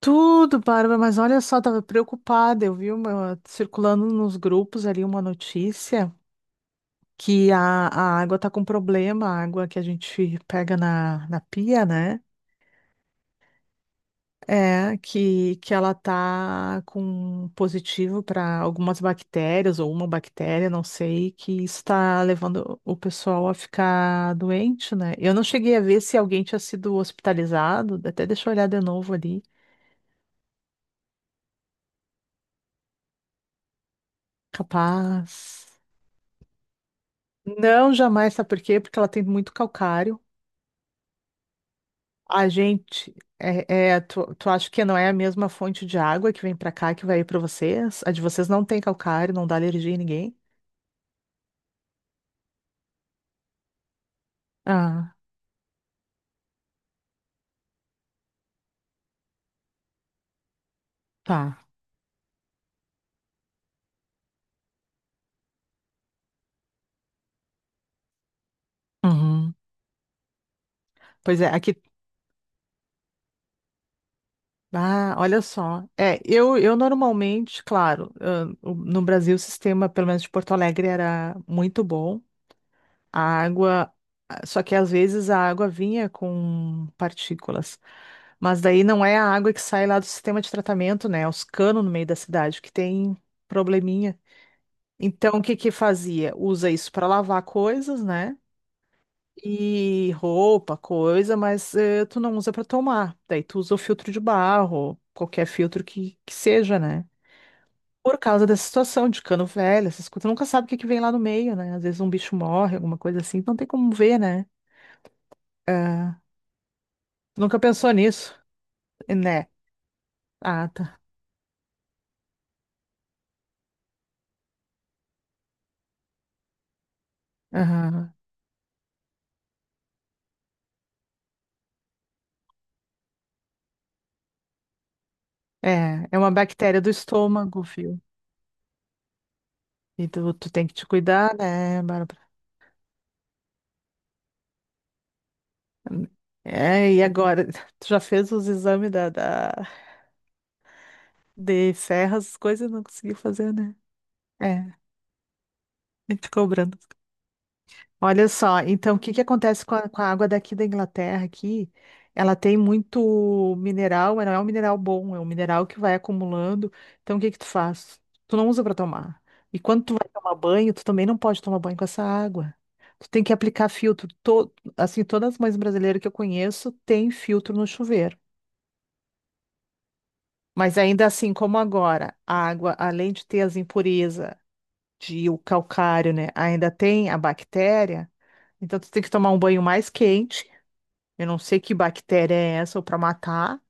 Tudo, Bárbara, mas olha só, tava preocupada. Eu vi uma, circulando nos grupos ali uma notícia que a água tá com problema, a água que a gente pega na pia, né? É, que ela tá com positivo para algumas bactérias ou uma bactéria, não sei, que está levando o pessoal a ficar doente, né? Eu não cheguei a ver se alguém tinha sido hospitalizado, até deixa eu olhar de novo ali. Capaz. Não, jamais, sabe por quê? Porque ela tem muito calcário. A gente, tu, acha que não é a mesma fonte de água que vem pra cá que vai ir pra vocês? A de vocês não tem calcário, não dá alergia em ninguém? Ah, tá. Uhum. Pois é, aqui. Ah, olha só. É, eu normalmente, claro, no Brasil o sistema, pelo menos de Porto Alegre, era muito bom. A água, só que às vezes a água vinha com partículas. Mas daí não é a água que sai lá do sistema de tratamento, né? Os canos no meio da cidade que tem probleminha. Então, o que que fazia? Usa isso para lavar coisas, né? E roupa, coisa, mas tu não usa para tomar. Daí tu usa o filtro de barro, qualquer filtro que seja, né? Por causa dessa situação de cano velho, essas coisas, tu nunca sabe o que que vem lá no meio, né? Às vezes um bicho morre, alguma coisa assim, não tem como ver, né? Ah, nunca pensou nisso, né? Ah, tá. Aham. É, é uma bactéria do estômago, viu? E tu, tem que te cuidar, né, Bárbara? É, e agora? Tu já fez os exames de serras, coisas e não conseguiu fazer, né? É, a gente cobrando. Olha só, então o que que acontece com a água daqui da Inglaterra aqui? Ela tem muito mineral, mas não é um mineral bom, é um mineral que vai acumulando. Então o que que tu faz? Tu não usa para tomar. E quando tu vai tomar banho, tu também não pode tomar banho com essa água. Tu tem que aplicar filtro. Assim, todas as mães brasileiras que eu conheço têm filtro no chuveiro. Mas ainda assim, como agora, a água, além de ter as impurezas de o calcário, né, ainda tem a bactéria, então tu tem que tomar um banho mais quente. Eu não sei que bactéria é essa ou pra matar,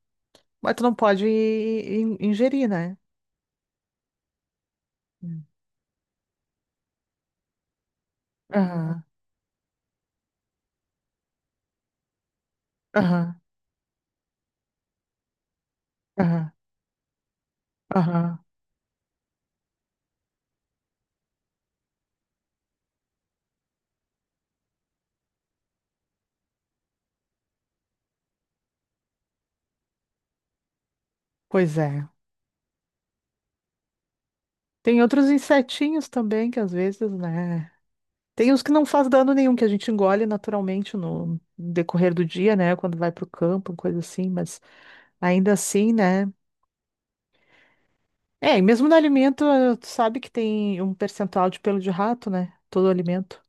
mas tu não pode ingerir, né? Hum. Aham, aham, aham, aham. Pois é. Tem outros insetinhos também que às vezes, né? Tem os que não faz dano nenhum, que a gente engole naturalmente no decorrer do dia, né? Quando vai pro campo, coisa assim, mas ainda assim, né? É, e mesmo no alimento, tu sabe que tem um percentual de pelo de rato, né? Todo alimento.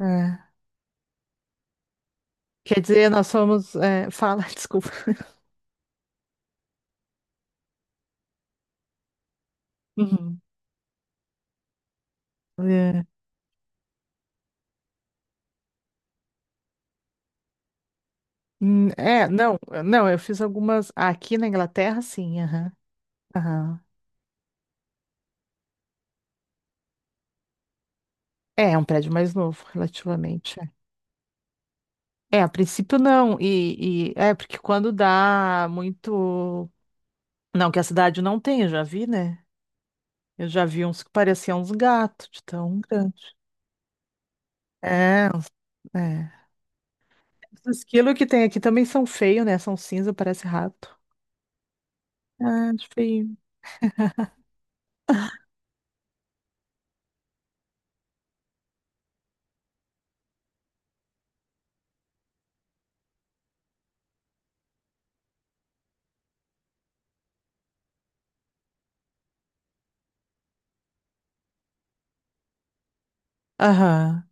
É. Quer dizer, nós somos. Fala, desculpa. Uhum. É, não, eu fiz algumas. Aqui na Inglaterra, sim, aham. Aham. É, é um prédio mais novo, relativamente. É, é, a princípio não. É porque quando dá muito. Não, que a cidade não tem, eu já vi, né? Eu já vi uns que pareciam uns gatos, de tão grande. É, uns- é. Os esquilos que tem aqui também são feios, né? São cinza, parece rato. É, acho feio. Aham.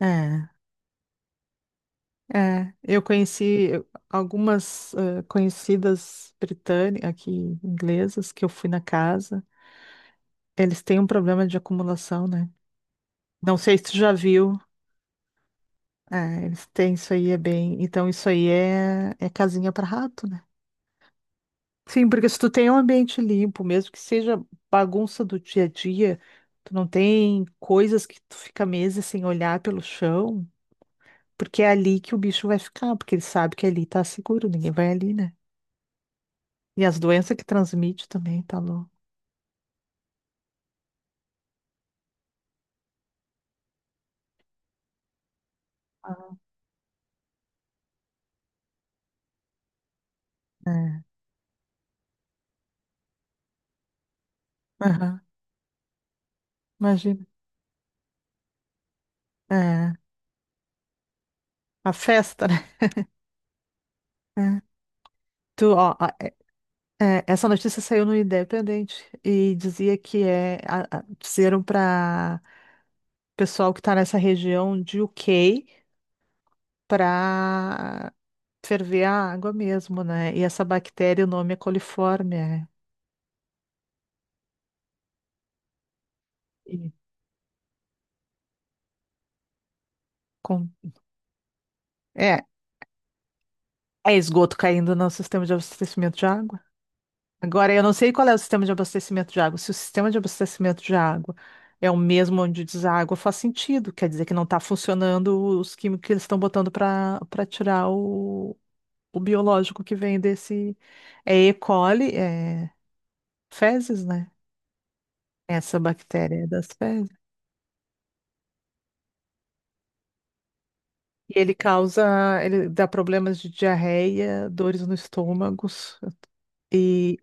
É. É. É, eu conheci algumas conhecidas britânicas, aqui inglesas, que eu fui na casa. Eles têm um problema de acumulação, né? Não sei se tu já viu. É, eles têm isso aí, é bem. Então, isso aí é casinha para rato, né? Sim, porque se tu tem um ambiente limpo, mesmo que seja bagunça do dia a dia, tu não tem coisas que tu fica meses sem olhar pelo chão, porque é ali que o bicho vai ficar, porque ele sabe que ali tá seguro, ninguém vai ali, né? E as doenças que transmite também, tá louco. É, aham, imagina. É, a festa, né? É. Tu, ó, a- essa notícia saiu no Independente e dizia que disseram para pessoal que está nessa região de UK para ferver a água mesmo, né? E essa bactéria, o nome é coliforme, e com, é, é esgoto caindo no sistema de abastecimento de água. Agora, eu não sei qual é o sistema de abastecimento de água. Se o sistema de abastecimento de água é o mesmo onde deságua, faz sentido. Quer dizer que não está funcionando os químicos que eles estão botando para tirar o biológico que vem desse. É E. coli, é fezes, né? Essa bactéria é das fezes. E ele causa, ele dá problemas de diarreia, dores no estômago. E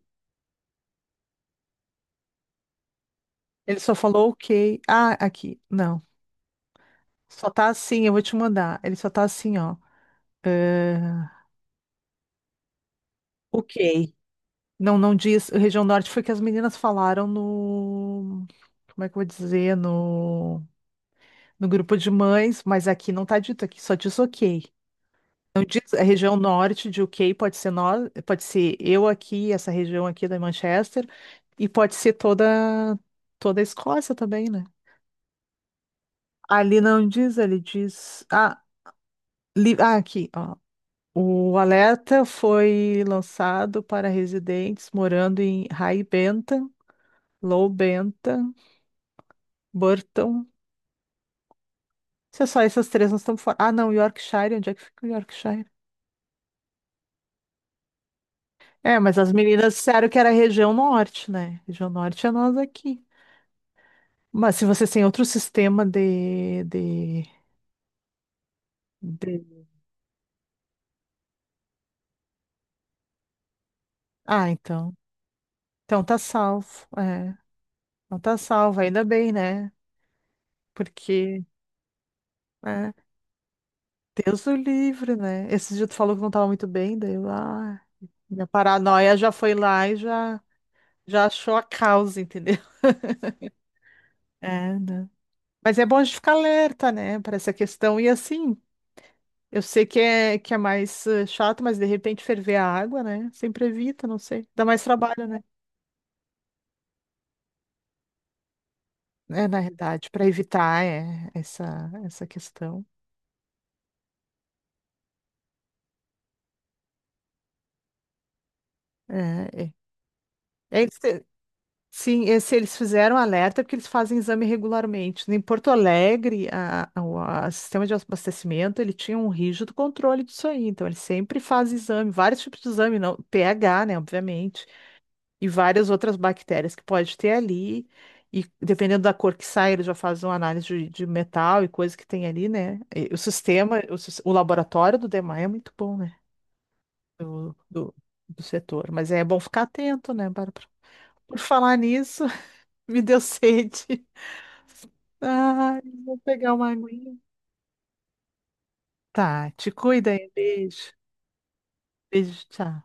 ele só falou ok. Ah, aqui. Não. Só tá assim, eu vou te mandar. Ele só tá assim, ó. Ok. Não, não diz. Região Norte foi que as meninas falaram no. Como é que eu vou dizer? No, no grupo de mães, mas aqui não tá dito, aqui só diz ok. Não diz a região norte de ok, pode ser nós, pode ser eu aqui, essa região aqui da Manchester, e pode ser toda, toda a Escócia também, né? Ali não diz, ele diz. Aqui, ó. O alerta foi lançado para residentes morando em High Low Bentham, Burton. Se é só essas três, nós estamos fora. Ah, não, Yorkshire, onde é que fica o Yorkshire? É, mas as meninas disseram que era região norte, né? Região norte é nós aqui. Mas se vocês têm outro sistema de- Ah, então. Então tá salvo. É, então tá salvo, ainda bem, né? Porque, é, Deus o livre, né? Esse dia tu falou que não tava muito bem, daí eu, ah, minha paranoia já foi lá e já, já achou a causa, entendeu? É, né? Mas é bom a gente ficar alerta, né, para essa questão. E assim, eu sei que é mais chato, mas de repente ferver a água, né? Sempre evita, não sei. Dá mais trabalho, né? É, na realidade, para evitar é, essa questão. É, é. É isso que- sim, é, se eles fizeram alerta, é porque eles fazem exame regularmente. Em Porto Alegre, o sistema de abastecimento, ele tinha um rígido controle disso aí. Então, ele sempre faz exame, vários tipos de exame, não, pH, né, obviamente e várias outras bactérias que pode ter ali. E dependendo da cor que sai, eles já fazem uma análise de metal e coisa que tem ali, né? E o sistema, o laboratório do DEMAI é muito bom, né? Do, do, do setor. Mas é bom ficar atento, né, Bárbara? Por falar nisso, me deu sede. Ai, vou pegar uma aguinha. Tá, te cuida aí. Beijo. Beijo, tchau.